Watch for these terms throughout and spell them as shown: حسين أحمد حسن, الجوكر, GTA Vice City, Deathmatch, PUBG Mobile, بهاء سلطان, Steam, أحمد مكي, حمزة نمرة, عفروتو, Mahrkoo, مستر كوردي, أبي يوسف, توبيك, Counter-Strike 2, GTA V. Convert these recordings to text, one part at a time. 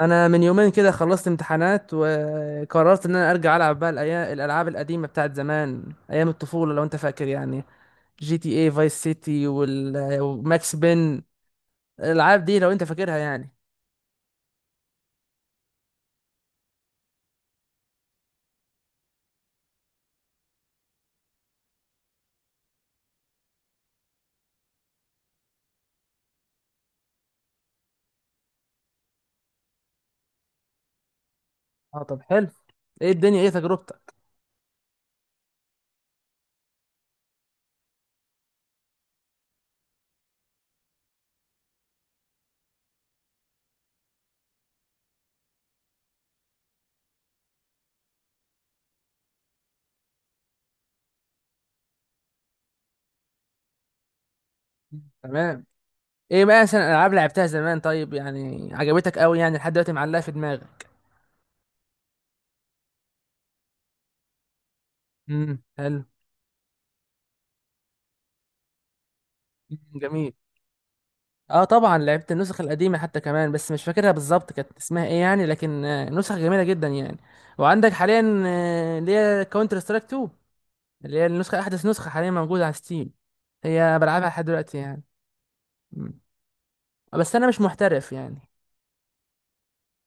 انا من يومين كده خلصت امتحانات وقررت ان انا ارجع العب بقى الالعاب القديمه بتاعت زمان ايام الطفوله لو انت فاكر يعني. جي تي اي فايس سيتي وماكس بين. الالعاب دي لو انت فاكرها يعني. اه طب حلو. ايه الدنيا، ايه تجربتك؟ تمام. ايه بقى مثلا الالعاب لعبتها زمان طيب يعني، عجبتك قوي يعني لحد دلوقتي معلقه في دماغك؟ حلو. مم، جميل. اه طبعا لعبت النسخ القديمه حتى كمان، بس مش فاكرها بالظبط كانت اسمها ايه يعني، لكن نسخ جميله جدا يعني. وعندك حاليا اللي هي كاونتر سترايك 2، اللي هي النسخه احدث نسخه حاليا موجوده على ستيم. هي بلعبها لحد دلوقتي يعني. مم. بس انا مش محترف يعني.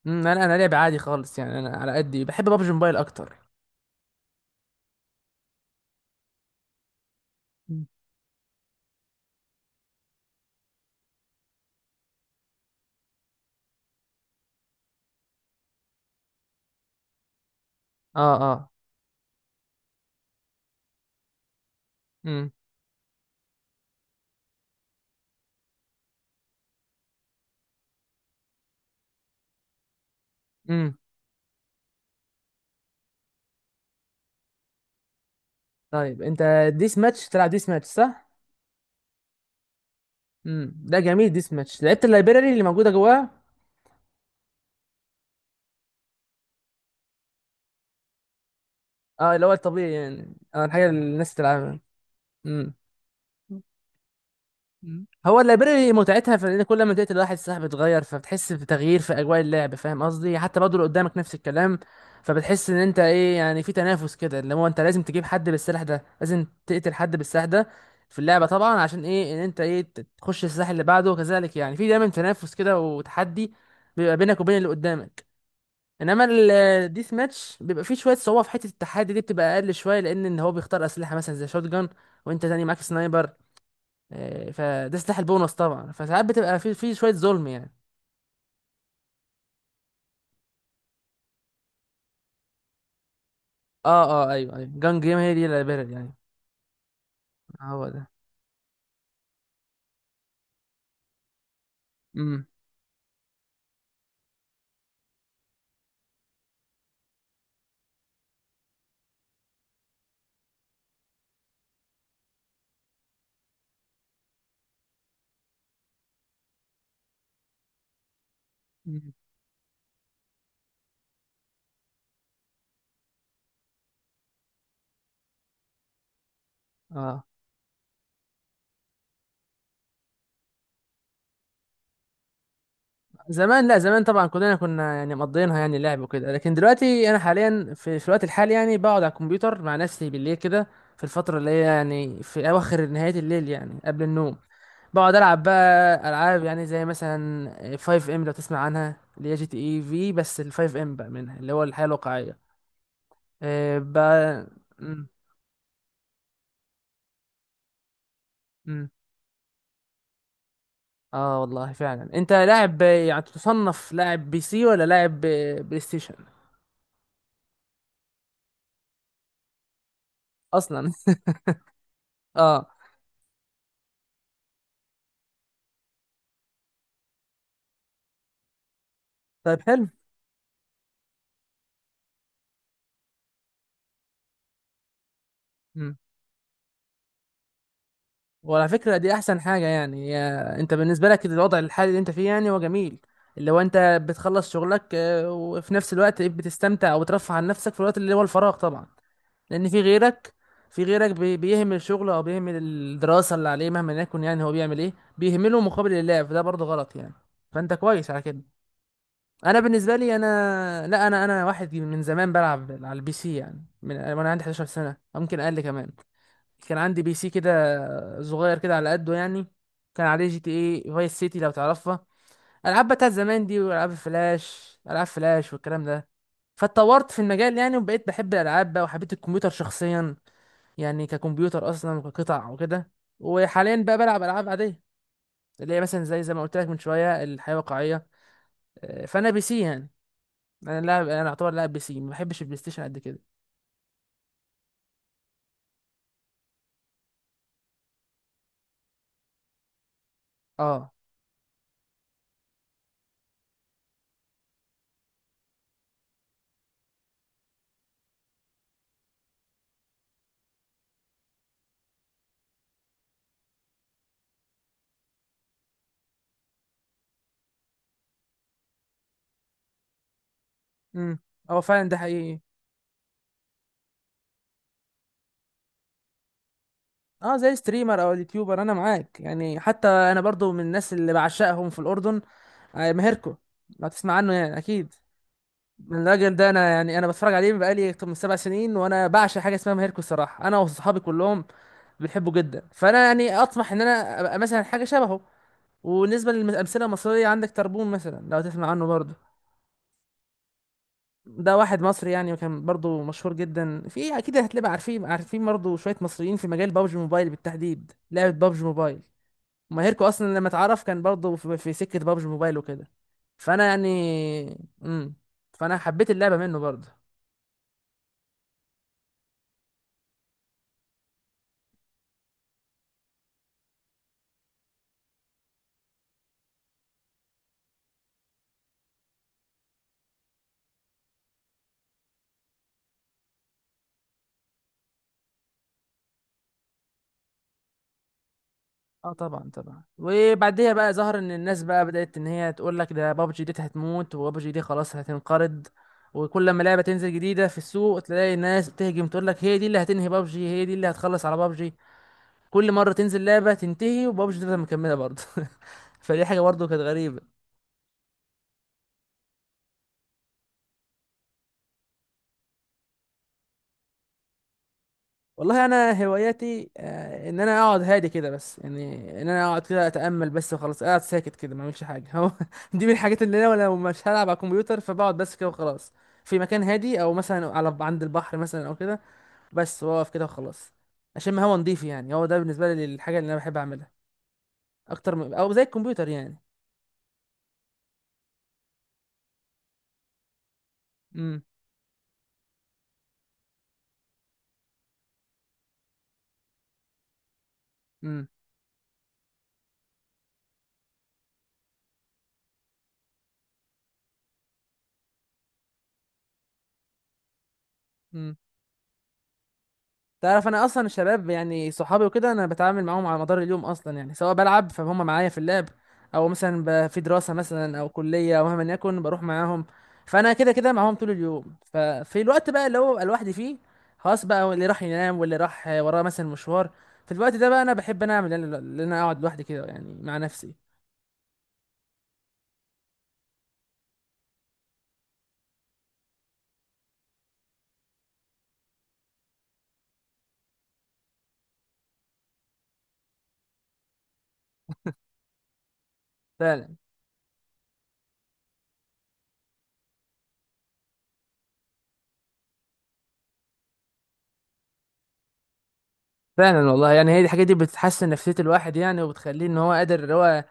مم، انا لعب عادي خالص يعني. انا على قدي بحب بابجي موبايل اكتر. مم. اه اه. امم. امم. طيب انت ديس ماتش، تلعب ديس ماتش صح؟ امم، ده جميل. ديس ماتش لعبت اللايبراري اللي موجوده جواه؟ اه، اللي هو الطبيعي يعني، اه الحاجه اللي الناس تلعبها. مم. مم. هو اللايبراري متعتها في ان كل ما تقتل واحد السلاح بيتغير، فبتحس بتغيير في اجواء اللعب، فاهم قصدي؟ حتى برضه اللي قدامك نفس الكلام. فبتحس ان انت ايه يعني، في تنافس كده اللي هو انت لازم تجيب حد بالسلاح ده، لازم تقتل حد بالسلاح ده في اللعبه طبعا، عشان ايه؟ ان انت ايه تخش السلاح اللي بعده، وكذلك يعني في دايما تنافس كده وتحدي بيبقى بينك وبين اللي قدامك. انما الديث ماتش بيبقى فيه شويه صعوبه، في حته التحدي دي بتبقى اقل شويه، لان ان هو بيختار اسلحه مثلا زي شوت جان وانت تاني معاك سنايبر، فده سلاح البونص طبعا، فساعات بتبقى في شويه ظلم يعني. اه اه، ايوه ايوه، جان جيم هي دي الليبرال يعني. هو ده. امم. أمم. اه زمان، لا زمان طبعا كلنا كنا يعني مقضيينها يعني لعب وكده، لكن دلوقتي انا حاليا في الوقت الحالي يعني بقعد على الكمبيوتر مع نفسي بالليل كده. في الفتره اللي هي يعني في اواخر نهايه الليل يعني قبل النوم بقعد العب بقى العاب يعني زي مثلا 5 ام لو تسمع عنها، اللي هي جي تي اي في، بس ال 5 ام بقى منها اللي هو الحياه الواقعيه بقى. امم. اه والله فعلا، انت لاعب يعني، تصنف لاعب بي سي ولا لاعب بلاي ستيشن اصلا؟ اه. طيب حلو. امم. وعلى فكره دي احسن حاجه يعني، يا انت بالنسبه لك الوضع الحالي اللي انت فيه يعني هو جميل. اللي هو انت بتخلص شغلك وفي نفس الوقت بتستمتع وبترفه عن نفسك في الوقت اللي هو الفراغ طبعا. لان في غيرك، في غيرك بيهمل شغله او بيهمل الدراسه اللي عليه، مهما يكن يعني هو بيعمل ايه بيهمله مقابل اللعب، فده برضه غلط يعني. فانت كويس على كده. انا بالنسبه لي، انا لا، انا واحد من زمان بلعب على البي سي يعني من وانا عندي 11 سنه أو ممكن اقل كمان. كان عندي بي سي كده صغير كده على قده يعني. كان عليه جي تي اي فايس سيتي لو تعرفها، العاب بتاعت زمان دي، والعاب فلاش، العاب فلاش والكلام ده. فاتطورت في المجال يعني وبقيت بحب الالعاب بقى، وحبيت الكمبيوتر شخصيا يعني ككمبيوتر اصلا وكقطع وكده. وحاليا بقى بلعب العاب عاديه اللي هي مثلا زي زي ما قلت لك من شويه الحياه الواقعيه، فانا بي سي يعني. انا لاعب، انا اعتبر لاعب بي سي، ما بحبش البلاي ستيشن قد كده. اه. امم. هو فعلا ده حقيقي. اه، زي ستريمر او اليوتيوبر. انا معاك يعني، حتى انا برضو من الناس اللي بعشقهم في الاردن ماهركو لو تسمع عنه يعني اكيد. من الراجل ده انا يعني، انا بتفرج عليه بقالي اكتر من 7 سنين، وانا بعشق حاجه اسمها ماهركو الصراحه، انا وصحابي كلهم بنحبه جدا. فانا يعني اطمح ان انا ابقى مثلا حاجه شبهه. وبالنسبه للامثله المصريه، عندك تربون مثلا لو تسمع عنه برضو. ده واحد مصري يعني، وكان برضو مشهور جدا. في اكيد هتلاقي عارفين، عارفين برضو شويه مصريين في مجال بابجي موبايل بالتحديد، لعبه بابجي موبايل. ماهركو اصلا لما اتعرف كان برضو في سكه بابجي موبايل وكده. فانا يعني. امم. فانا حبيت اللعبه منه برضو. اه طبعا طبعا، وبعديها بقى ظهر ان الناس بقى بدات ان هي تقول لك ده بابجي دي هتموت، وبابجي دي خلاص هتنقرض. وكل ما لعبه تنزل جديده في السوق تلاقي الناس بتهجم تقول لك هي دي اللي هتنهي بابجي، هي دي اللي هتخلص على بابجي. كل مره تنزل لعبه تنتهي، وبابجي تفضل مكمله برضه. فدي حاجه برضه كانت غريبه. والله انا هواياتي ان انا اقعد هادي كده بس يعني، ان انا اقعد كده اتامل بس وخلاص، قاعد ساكت كده ما اعملش حاجه. هو دي من الحاجات اللي انا لو مش هلعب على الكمبيوتر فبقعد بس كده وخلاص. في مكان هادي او مثلا على عند البحر مثلا او كده، بس واقف كده وخلاص، اشم هوا نضيف. يعني هو ده بالنسبه لي الحاجه اللي انا بحب اعملها اكتر من او زي الكمبيوتر يعني. امم. امم. امم. تعرف انا اصلا الشباب يعني صحابي وكده، انا بتعامل معاهم على مدار اليوم اصلا يعني، سواء بلعب فهم معايا في اللعب، او مثلا في دراسه مثلا او كليه او مهما يكن بروح معاهم. فانا كده كده معاهم طول اليوم. ففي الوقت بقى اللي هو ببقى لوحدي فيه، خلاص بقى اللي راح ينام واللي راح وراه مثلا مشوار، في الوقت ده بقى انا بحب انا اعمل ان انا اقعد لوحدي كده يعني مع نفسي. فعلا. فعلا والله يعني، هي دي الحاجات دي بتحسن نفسيه الواحد يعني، وبتخليه ان هو قادر ان هو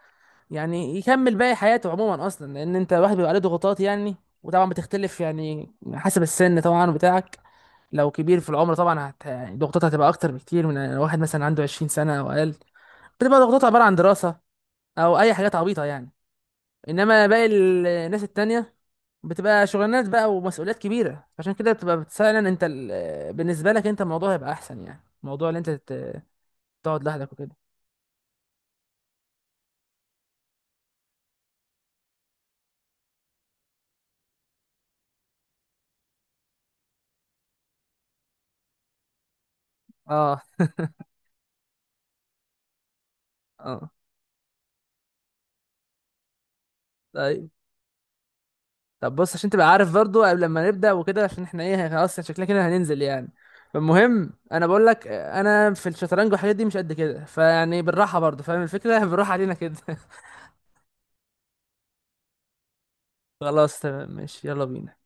يعني يكمل باقي حياته عموما. اصلا لان انت الواحد بيبقى عليه ضغوطات يعني، وطبعا بتختلف يعني حسب السن طبعا بتاعك. لو كبير في العمر طبعا يعني ضغوطاتها هتبقى اكتر بكتير من واحد مثلا عنده 20 سنه او اقل، بتبقى ضغوطاتها عباره عن دراسه او اي حاجات عبيطه يعني. انما باقي الناس التانية بتبقى شغلانات بقى ومسؤوليات كبيره، عشان كده بتبقى فعلا انت بالنسبه لك انت الموضوع هيبقى احسن يعني. الموضوع اللي انت تقعد لوحدك وكده. اه اه. طب بص عشان تبقى عارف برضو، قبل لما نبدأ وكده، عشان احنا ايه خلاص شكلنا كده هننزل يعني. فالمهم انا بقول لك انا في الشطرنج والحاجات دي مش قد كده، فيعني بالراحة برضو، فاهم الفكرة؟ بالراحة علينا كده. خلاص تمام ماشي، يلا بينا.